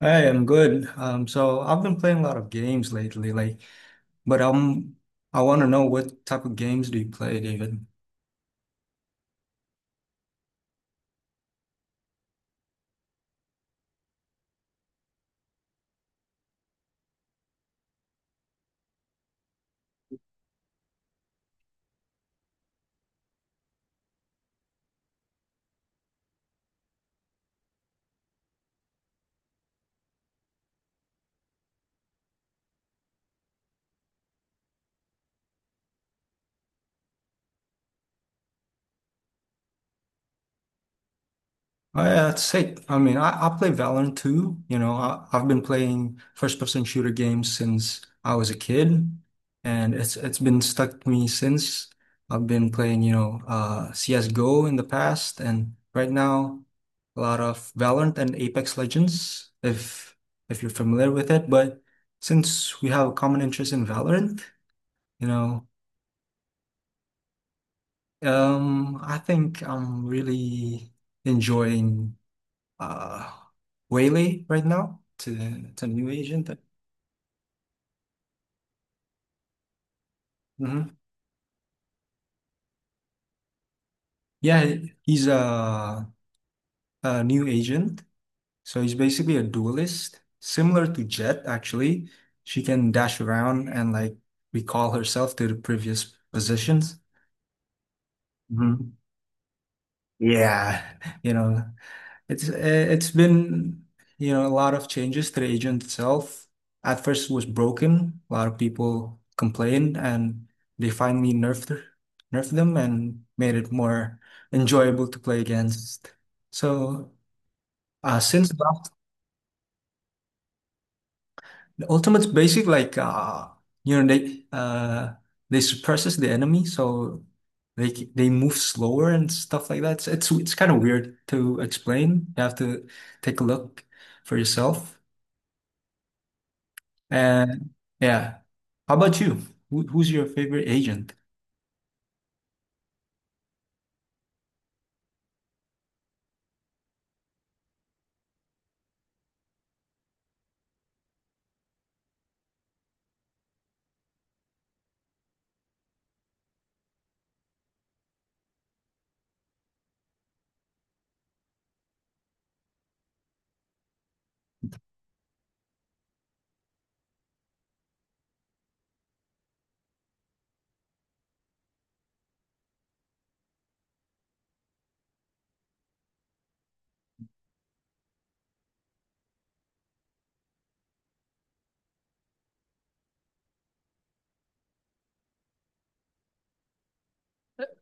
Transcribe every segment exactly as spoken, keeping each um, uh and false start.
Hey, I am good. Um, so I've been playing a lot of games lately, like, but um, I want to know what type of games do you play, David? Uh, say, I mean, I, I play Valorant too. You know, I, I've been playing first-person shooter games since I was a kid, and it's it's been stuck to me since. I've been playing, you know, uh, C S:G O in the past, and right now, a lot of Valorant and Apex Legends, if if you're familiar with it. But since we have a common interest in Valorant, you know, um, I think I'm really enjoying. uh Whaley right now to to new agent. Hmm. Yeah, he's a a new agent. So he's basically a duelist, similar to Jet actually. She can dash around and like recall herself to the previous positions. Mhm. Yeah, you know. It's uh, it's been you know a lot of changes to the agent itself. At first, it was broken. A lot of people complained, and they finally nerfed nerfed them and made it more enjoyable to play against. So uh, since that, the ultimate's basic like uh, you know they uh, they suppresses the enemy, so they they move slower and stuff like that. It's it's, it's kind of weird to explain. You have to take a look for yourself. And yeah, how about you? Who, who's your favorite agent?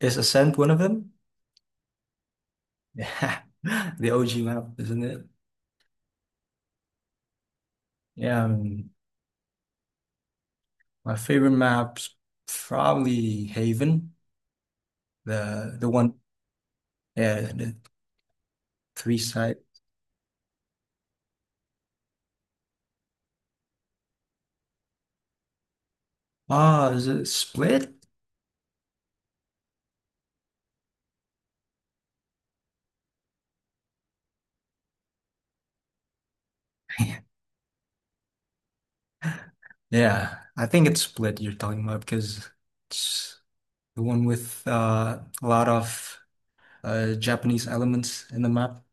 Is Ascent one of them? Yeah, the O G map, isn't it? Yeah, um, my favorite map's probably Haven, the the one, yeah, the three side. Ah, is it Split? Yeah, I think it's Split you're talking about because it's the one with uh, a lot of uh, Japanese elements in the map.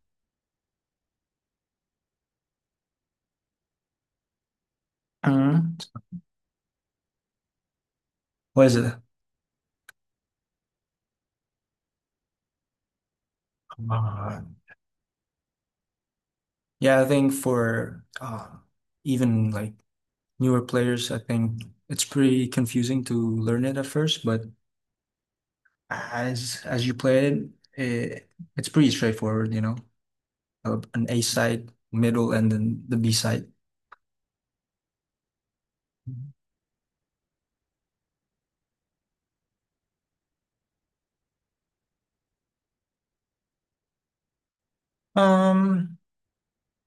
Mhm. What is it? Yeah, I think for um, even like newer players, I think it's pretty confusing to learn it at first, but as as you play it, it it's pretty straightforward, you know, Uh, an A side, middle, and then the B side. Um,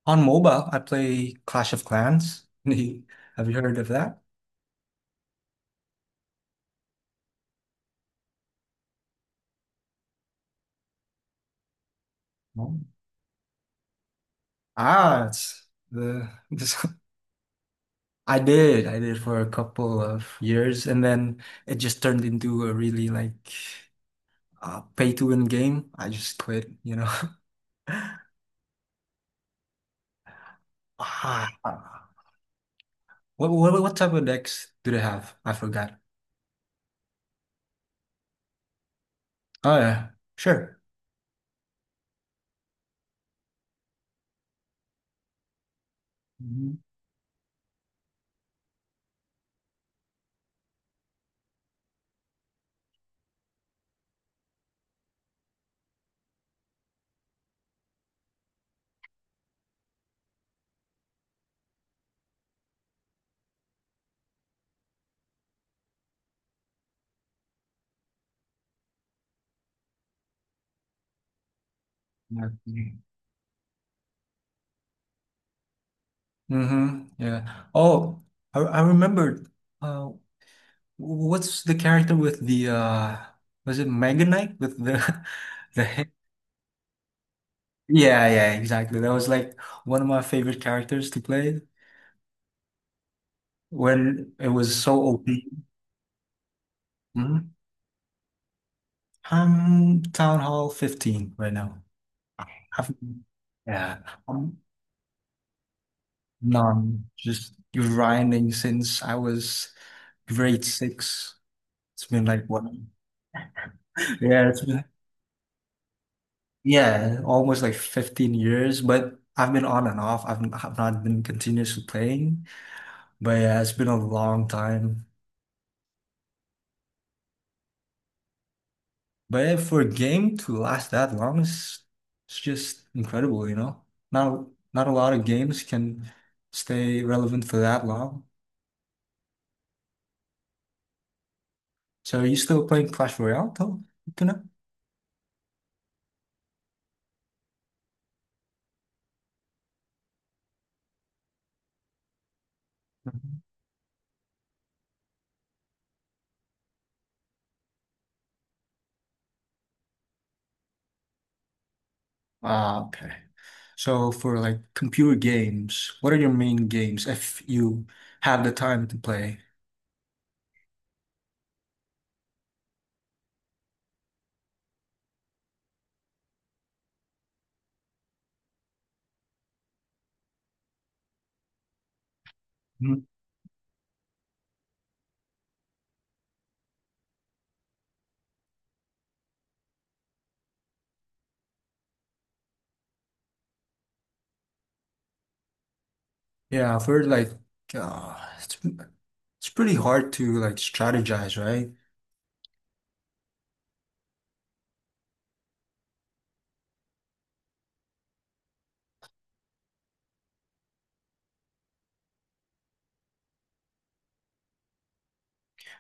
on mobile, I play Clash of Clans. Have you heard of that? No. Ah, it's the this, I did. I did for a couple of years, and then it just turned into a really like uh, pay to win game, I just quit, you know. Ah, what, what what type of decks do they have? I forgot. Oh yeah, sure. Mm-hmm. Mm-hmm. Yeah. Oh, I I remembered. Uh, what's the character with the uh was it Mega Knight with the the head? Yeah, yeah, exactly. That was like one of my favorite characters to play when it was so O P. Mhm. I'm Town Hall fifteen right now. I've yeah, I'm none. Just grinding since I was grade six. It's been like what? Yeah, it's been yeah, almost like fifteen years. But I've been on and off. I've I've not been continuously playing. But yeah, it's been a long time. But yeah, for a game to last that long is it's just incredible, you know? Not not a lot of games can stay relevant for that long. So are you still playing Clash Royale though? Mhm. Ah, okay. So for like computer games, what are your main games if you have the time to play? Mhm. Yeah, for like, uh, it's it's pretty hard to like strategize, right?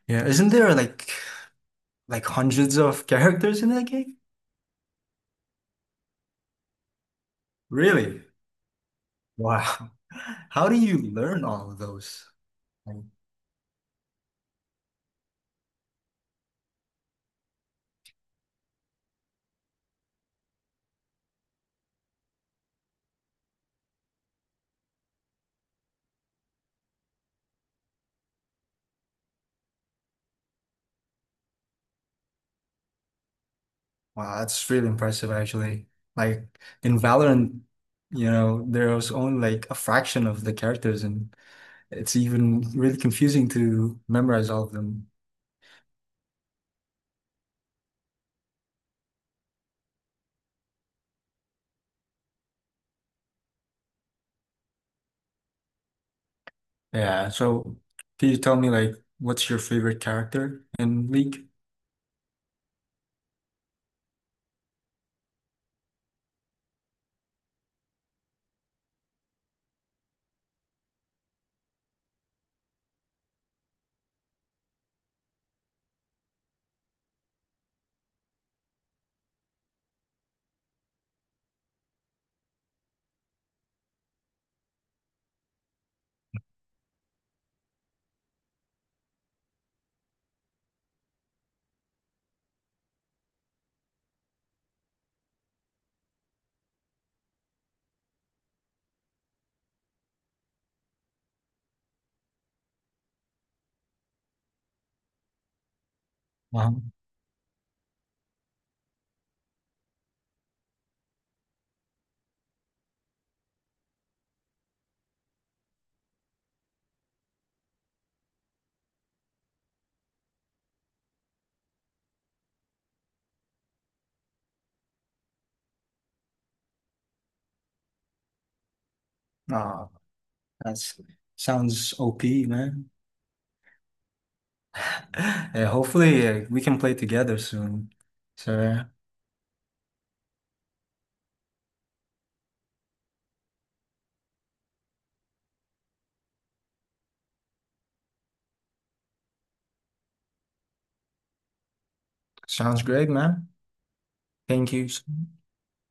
Yeah, isn't there like like hundreds of characters in that game? Really? Wow. How do you learn all of those? Like, wow, that's really impressive actually. Like in Valorant, you know, there was only like a fraction of the characters in it's even really confusing to memorize all of them. Yeah. So can you tell me like what's your favorite character in League? Wow. Ah, that's sounds O P, man. Yeah, hopefully uh, we can play together soon. So yeah, sounds great, man. Thank you.